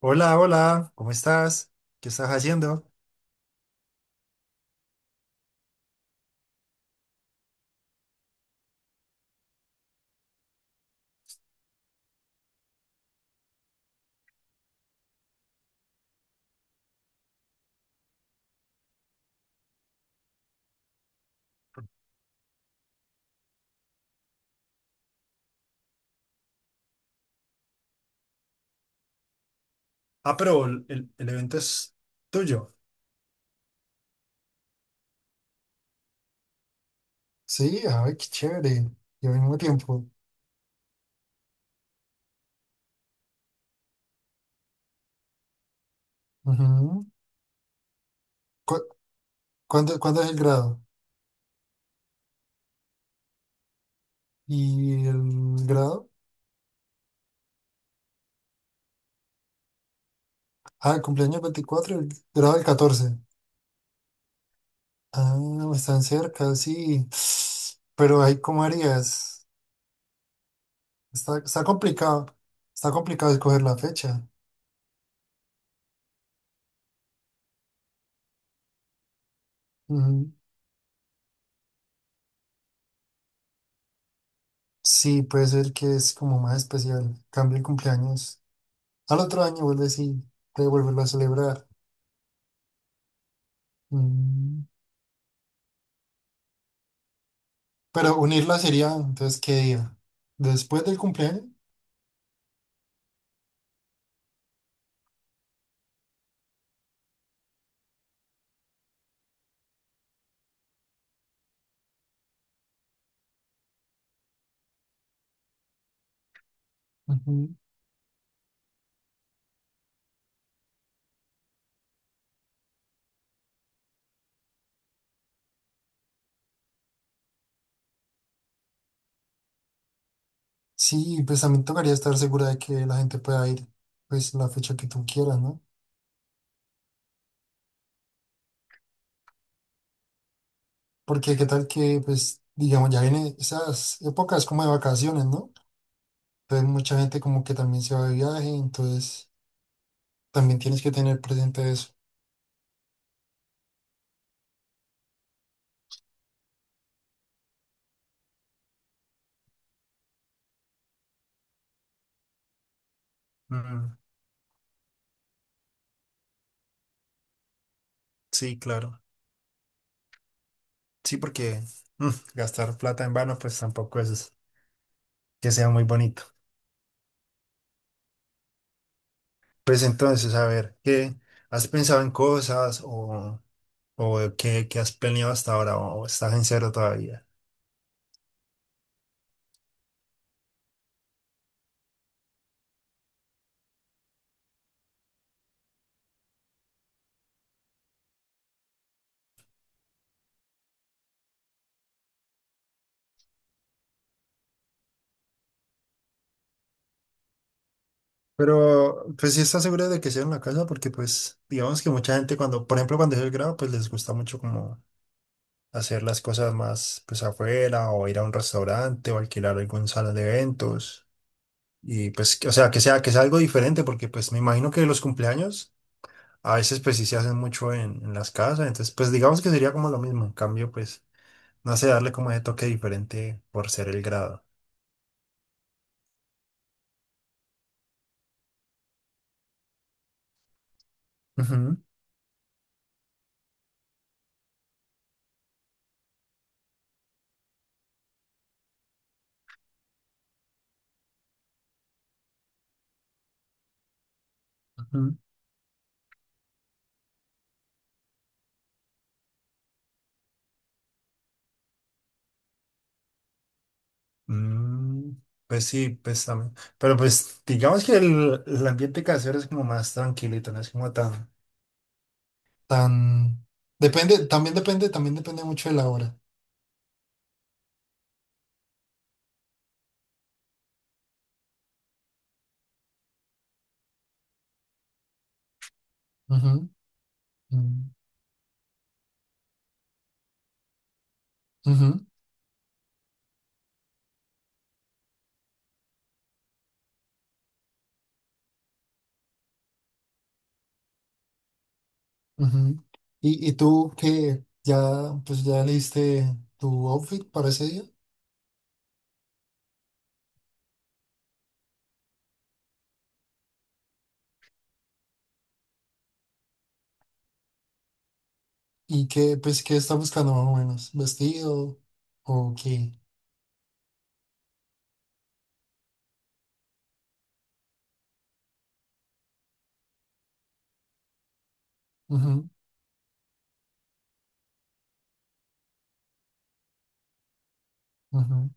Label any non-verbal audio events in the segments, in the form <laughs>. Hola, hola, ¿cómo estás? ¿Qué estás haciendo? Ah, pero el evento es tuyo. Sí, ay, qué chévere. Y al mismo tiempo. Ujú. ¿Cu- cuándo es el grado? ¿Y el grado? Ah, el cumpleaños el 24, el grado el 14. Ah, están cerca, sí. <sniffs> Pero ahí, ¿cómo harías? Está complicado. Está complicado escoger la fecha. Ujú. Sí, puede ser que es como más especial. Cambia el cumpleaños. Al otro año vuelves y te vuelves a celebrar. Mm, Pero unirla sería, entonces, ¿qué día? Después del cumpleaños. Ujú. Sí, pues también tocaría estar segura de que la gente pueda ir, pues, la fecha que tú quieras, ¿no? Porque qué tal que, pues, digamos, ya vienen esas épocas como de vacaciones, ¿no? Entonces mucha gente como que también se va de viaje, entonces también tienes que tener presente eso. Mm, sí, claro. Sí, porque mm, gastar plata en vano, pues tampoco es que sea muy bonito. Pues entonces, a ver, ¿qué has pensado en cosas o qué has planeado hasta ahora o estás en cero todavía? Pero, pues sí estás seguro de que sea en la casa porque, pues, digamos que mucha gente cuando, por ejemplo, cuando es el grado, pues les gusta mucho como hacer las cosas más, pues, afuera o ir a un restaurante o alquilar algún salón de eventos. Y pues, o sea, que sea algo diferente porque, pues, me imagino que los cumpleaños. A veces pues sí se hacen mucho en las casas, entonces pues digamos que sería como lo mismo, en cambio pues no sé, darle como ese toque diferente por ser el grado. Ujú, ujú. Mm, pues sí, pues también. Pero pues digamos que el ambiente casero es como más tranquilito, no es como tan. Depende, también depende, también depende mucho de la hora. Ujú, mm, ujú, ujú. ¿Y tú qué ya, pues ya leíste tu outfit para ese día? ¿Y qué, pues, qué está buscando más o menos? ¿Vestido o qué? Ujú, ujú,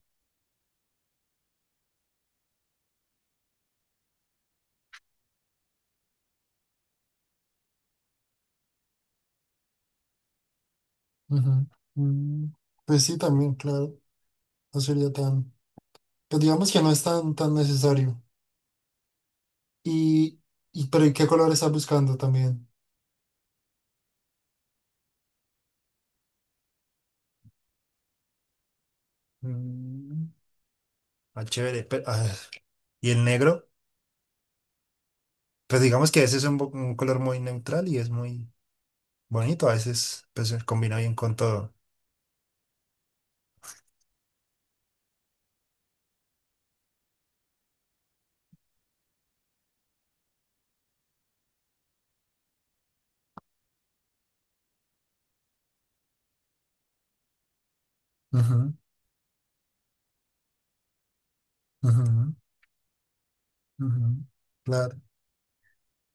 ujú. Mm, pues sí, también, claro. No sería tan. Pues digamos que no es tan necesario. Y, y, pero ¿y qué color está buscando también? Mm, ah, chévere. Pero, ah, ¿y el negro? Pues digamos que ese es un color muy neutral y es muy bonito. A veces pues, se combina bien con todo. Ujú, ujú, ujú. Claro.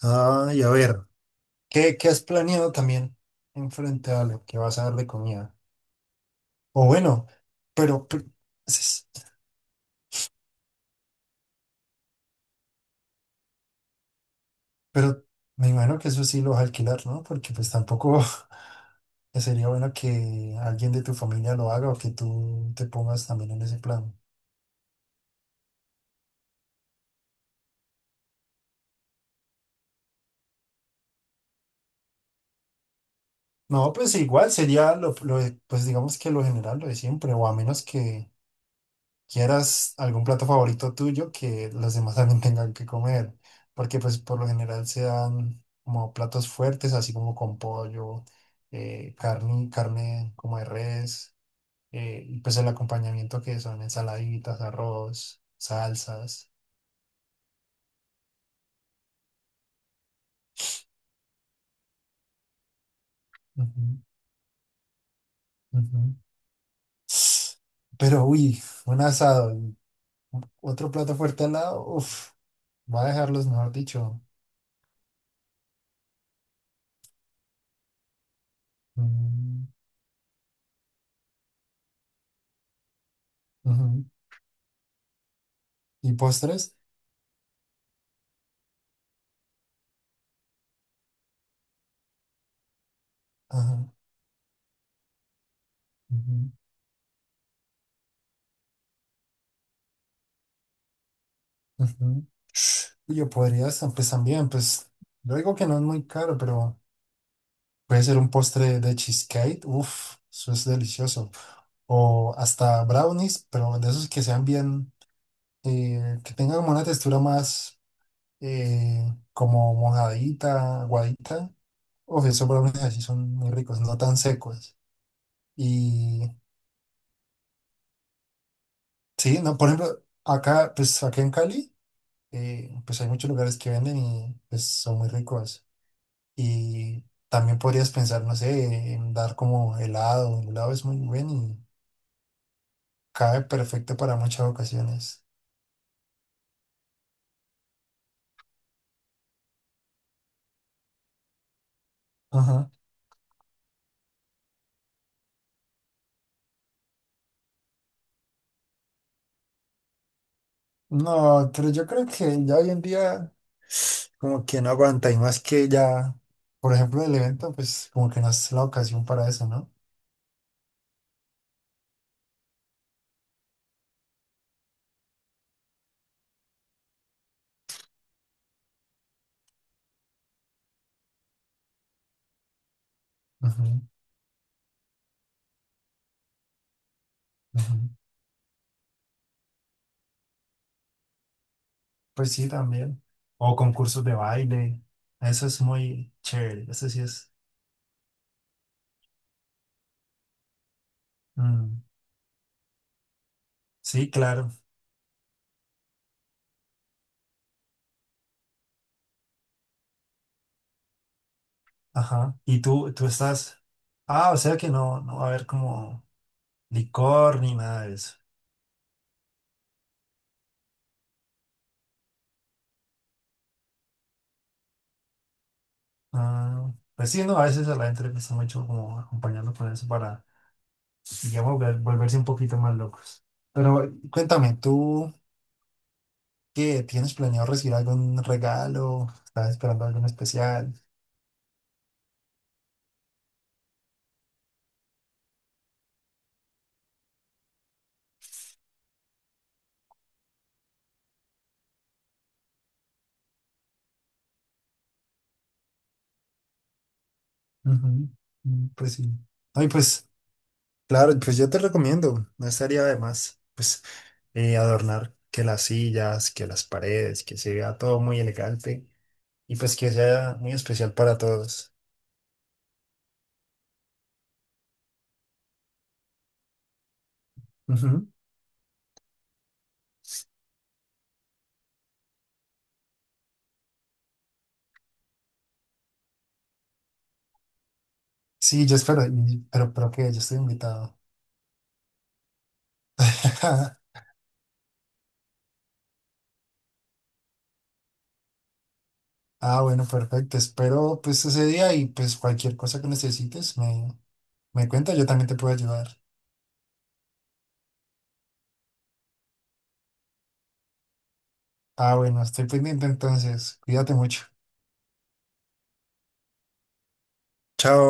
Ah, y a ver. ¿Qué has planeado también en frente a lo que vas a dar de comida? O bueno, pero, pero, s- pero me imagino que eso sí lo vas a alquilar, ¿no? Porque pues tampoco <laughs> sería bueno que alguien de tu familia lo haga o que tú te pongas también en ese plan. No, pues igual sería lo pues digamos que lo general, lo de siempre, o a menos que quieras algún plato favorito tuyo que los demás también <laughs> tengan que comer, porque pues por lo general se dan como platos fuertes, así como con pollo, carne como de res, y pues el acompañamiento que son ensaladitas, arroz, salsas. Ujú, ujú. Pero uy, un asado, y otro plato fuerte al lado, uff, va a dejarlos, mejor dicho. Mm, ujú. ¿Y postres? Ajá. Ujú. Y yo podría estar, pues también, pues yo digo que no es muy caro, pero puede ser un postre de cheesecake, uff, eso es delicioso. O hasta brownies, pero de esos que sean bien, que tengan como una textura más eh, como mojadita, aguadita. Uf, esos brownies así son muy ricos, no tan secos. Y sí, no, por ejemplo, acá, pues acá en Cali, pues hay muchos lugares que venden y pues son muy ricos. Y también podrías pensar, no sé, en dar como helado. El helado es muy bueno y cabe perfecto para muchas ocasiones. Ajá. No, pero yo creo que ya hoy en día como que no aguanta y más que ya, por ejemplo, el evento, pues como que no es la ocasión para eso, ¿no? Ujú, ujú. Pues sí, también. O concursos de baile. Eso es muy chévere. Eso sí es. Mm, sí, claro. Ajá. Y tú estás. Ah, o sea que no, no va a haber como licor ni nada de eso. Ah, pues sí, no, a veces a la gente le cuesta mucho como acompañarlo con eso para, digamos, volverse un poquito más locos. Pero cuéntame, ¿tú qué tienes planeado recibir algún regalo? ¿Estás esperando algo en especial? Ujú, mm, pues sí. Ay, pues claro, pues yo te recomiendo, no estaría de más, pues adornar que las sillas, que las paredes, que se vea todo muy elegante y pues que sea muy especial para todos. Sí, yo espero, pero que yo estoy invitado. <laughs> Ah, bueno, perfecto. Espero pues ese día y pues cualquier cosa que necesites me cuenta, yo también te puedo ayudar. Ah, bueno, estoy pendiente entonces. Cuídate mucho. Chao.